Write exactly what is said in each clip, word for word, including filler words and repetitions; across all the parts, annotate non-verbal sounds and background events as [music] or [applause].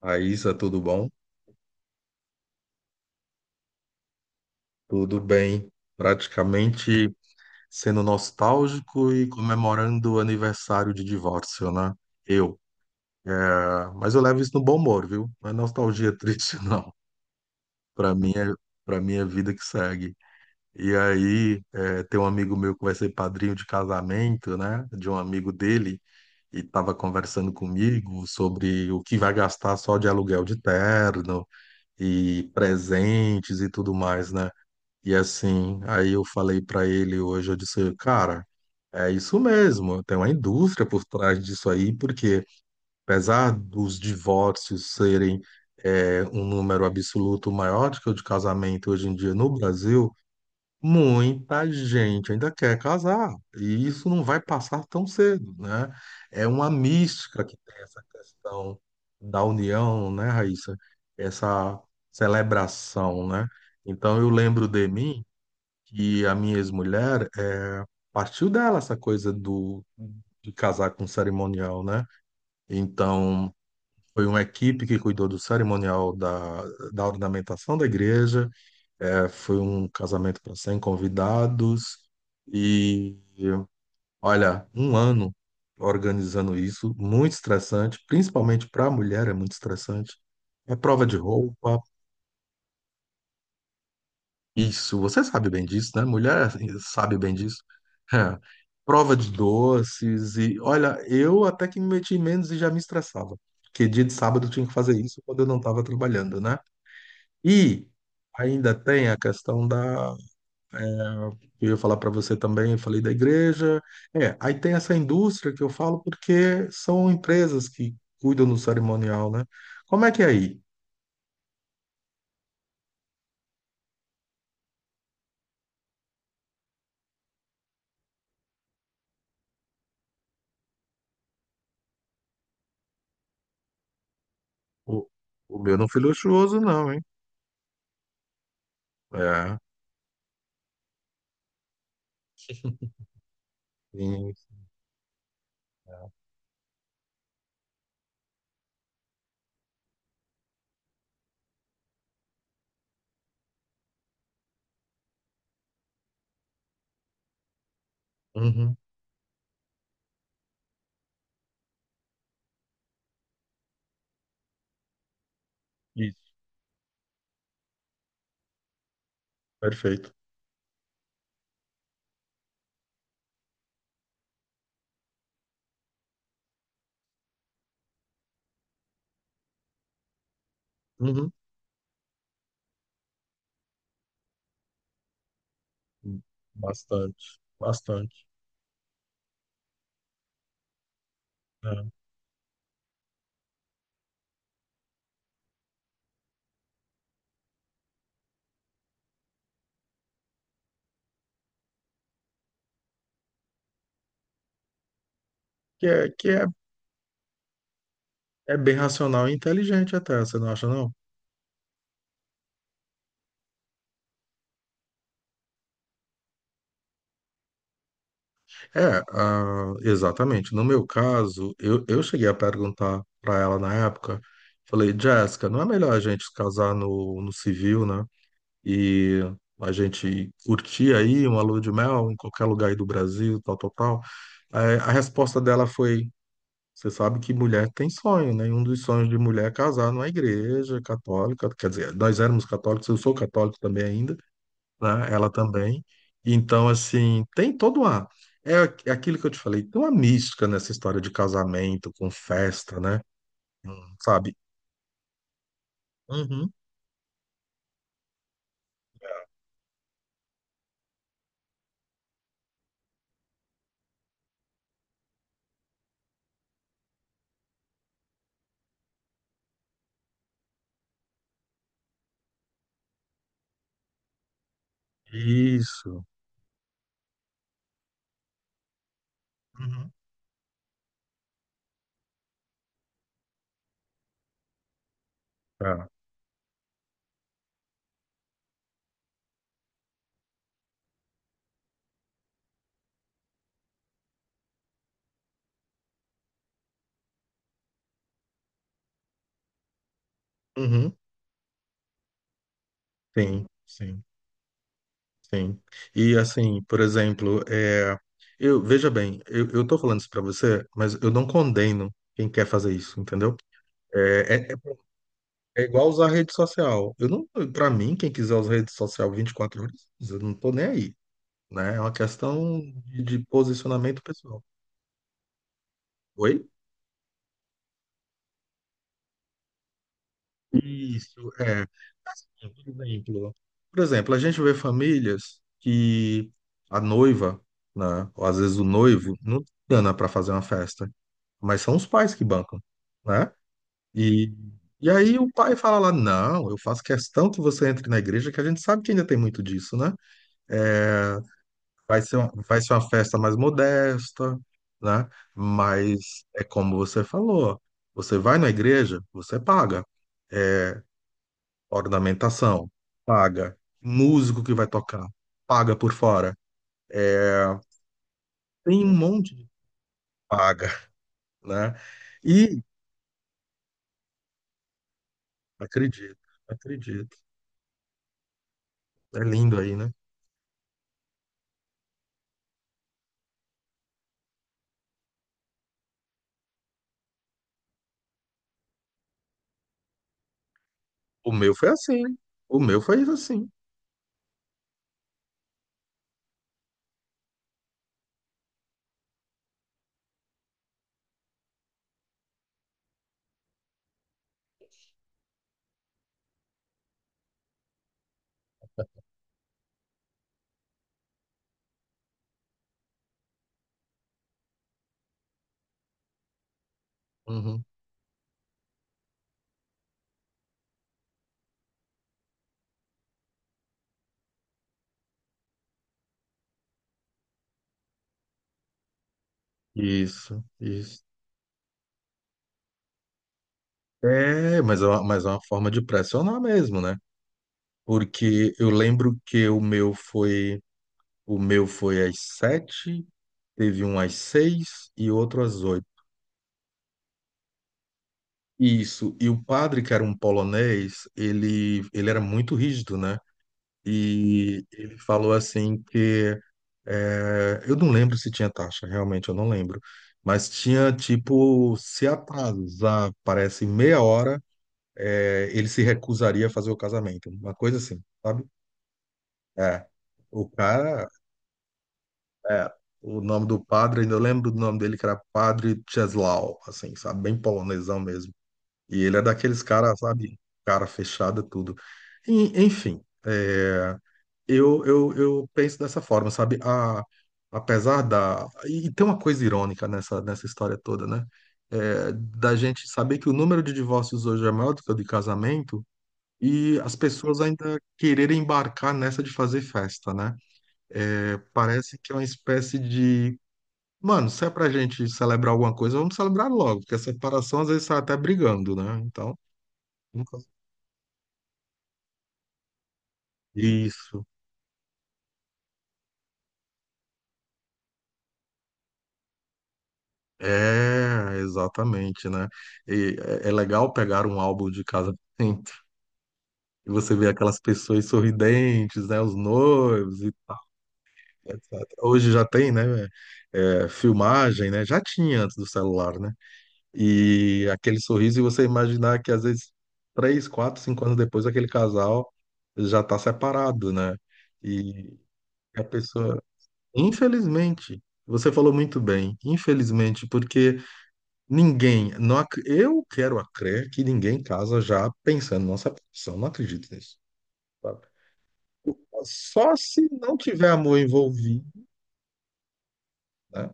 Raíssa, tudo bom? Tudo bem. Praticamente sendo nostálgico e comemorando o aniversário de divórcio, né? Eu. Ah, mas eu levo isso no bom humor, viu? Não é nostalgia triste, [laughs] não. Para mim é, para mim é vida que segue. E aí, eh, tem um amigo meu que vai ser padrinho de casamento, né? De um amigo dele, e estava conversando comigo sobre o que vai gastar só de aluguel de terno e presentes e tudo mais, né? E assim, aí eu falei pra ele hoje, eu disse, cara, é isso mesmo, tem uma indústria por trás disso aí, porque apesar dos divórcios serem é, um número absoluto maior do que o de casamento hoje em dia no Brasil, muita gente ainda quer casar, e isso não vai passar tão cedo, né? É uma mística que tem essa questão da união, né, Raíssa? Essa celebração, né? Então eu lembro de mim que a minha ex-mulher é, partiu dela essa coisa do de casar com cerimonial, né? Então foi uma equipe que cuidou do cerimonial da, da ornamentação da igreja, é, foi um casamento para cem convidados e olha, um ano organizando isso, muito estressante, principalmente para a mulher é muito estressante. É prova de roupa. Isso, você sabe bem disso, né? Mulher assim, sabe bem disso. É. Prova de doces e olha, eu até que me meti menos e já me estressava, porque dia de sábado eu tinha que fazer isso quando eu não estava trabalhando, né? E ainda tem a questão da, eu ia falar para você também, eu falei da igreja. É, aí tem essa indústria que eu falo porque são empresas que cuidam do cerimonial, né? Como é que é aí? O, o meu não foi luxuoso, não, hein? É. Sim. Uhum. Isso. Perfeito. Uhum. Bastante, bastante. É. Que é, que é, é bem racional e inteligente até, você não acha, não? É, ah, exatamente. No meu caso, eu, eu cheguei a perguntar para ela na época, falei, Jéssica, não é melhor a gente se casar no, no civil, né? E a gente curtir aí uma lua de mel em qualquer lugar aí do Brasil, tal, tal, tal. Aí a resposta dela foi, você sabe que mulher tem sonho, né? E um dos sonhos de mulher é casar numa igreja católica. Quer dizer, nós éramos católicos, eu sou católico também ainda, né? Ela também. Então, assim, tem todo uma. É aqu- é aquilo que eu te falei, tem uma mística nessa história de casamento, com festa, né? Hum, sabe? Uhum. Isso. Uhum. Tá. Uhum. Sim, sim, sim. E, assim, por exemplo, é... eu, veja bem, eu, eu tô falando isso pra você, mas eu não condeno quem quer fazer isso, entendeu? É, é- é igual usar rede social. Eu não, para mim, quem quiser usar rede social vinte e quatro horas, eu não tô nem aí, né? É uma questão de, de posicionamento pessoal. Oi? Isso, é. Assim, por exemplo, por exemplo, a gente vê famílias que a noiva, né, ou às vezes o noivo, não tem grana para fazer uma festa, mas são os pais que bancam, né? E, e aí o pai fala lá, não, eu faço questão que você entre na igreja, que a gente sabe que ainda tem muito disso, né? É, vai ser, um- vai ser uma festa mais modesta, né? Mas é como você falou, você vai na igreja, você paga. É, ornamentação, paga. Músico que vai tocar, paga por fora. É, tem um monte de paga, [laughs] né? E acredito, acredito. É lindo aí, né? O meu foi assim. O meu foi assim. Uhum. Isso, isso. É, mas é uma, mas é uma forma de pressionar mesmo, né? Porque eu lembro que o meu foi o meu foi às sete, teve um às seis e outro às oito. Isso. E o padre, que era um polonês, ele ele era muito rígido, né? E ele falou assim que é, eu não lembro se tinha taxa, realmente eu não lembro. Mas tinha tipo, se atrasar, parece meia hora, é, ele se recusaria a fazer o casamento, uma coisa assim, sabe? É. O cara É, o nome do padre, ainda eu lembro do nome dele, que era Padre Czesław, assim, sabe? Bem polonesão mesmo. E ele é daqueles caras, sabe? Cara fechada, tudo. E, enfim, é, eu, eu, eu penso dessa forma, sabe? A, apesar da... E, e tem uma coisa irônica nessa, nessa história toda, né? É, da gente saber que o número de divórcios hoje é maior do que o de casamento e as pessoas ainda quererem embarcar nessa de fazer festa, né? É, parece que é uma espécie de Mano, se é pra gente celebrar alguma coisa, vamos celebrar logo, porque a separação às vezes sai até brigando, né? Então, nunca- isso. É, exatamente, né? E é é legal pegar um álbum de casamento [laughs] e você vê aquelas pessoas sorridentes, né? Os noivos e tal, etecetera. Hoje já tem, né? É, filmagem, né? Já tinha antes do celular, né? E aquele sorriso, e você imaginar que às vezes três, quatro, cinco anos depois aquele casal já está separado, né? E a pessoa, infelizmente, você falou muito bem, infelizmente, porque ninguém, não, ac- eu quero a crer que ninguém casa já pensando na separação, não acredito nisso. Sabe? Só se não tiver amor envolvido. Né?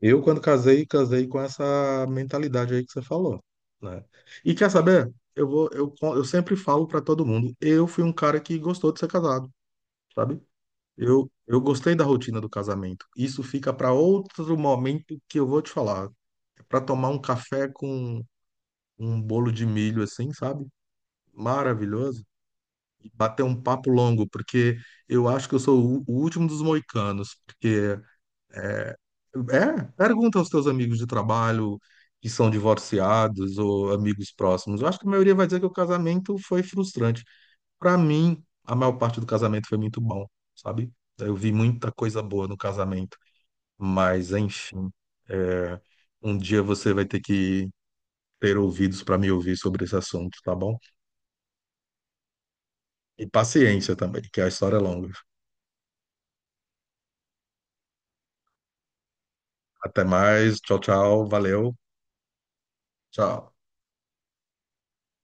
Eu, quando casei, casei com essa mentalidade aí que você falou, né? E quer saber? Eu vou, eu, eu sempre falo pra todo mundo, eu fui um cara que gostou de ser casado, sabe? Eu, eu gostei da rotina do casamento. Isso fica pra outro momento que eu vou te falar, é. Pra tomar um café com um bolo de milho assim, sabe? Maravilhoso. E bater um papo longo, porque eu acho que eu sou o o último dos moicanos, porque é, pergunta aos teus amigos de trabalho que são divorciados ou amigos próximos. Eu acho que a maioria vai dizer que o casamento foi frustrante. Para mim, a maior parte do casamento foi muito bom, sabe? Eu vi muita coisa boa no casamento. Mas, enfim, é, um dia você vai ter que ter ouvidos para me ouvir sobre esse assunto, tá bom? E paciência também, que a história é longa. Até mais, tchau, tchau, valeu, tchau.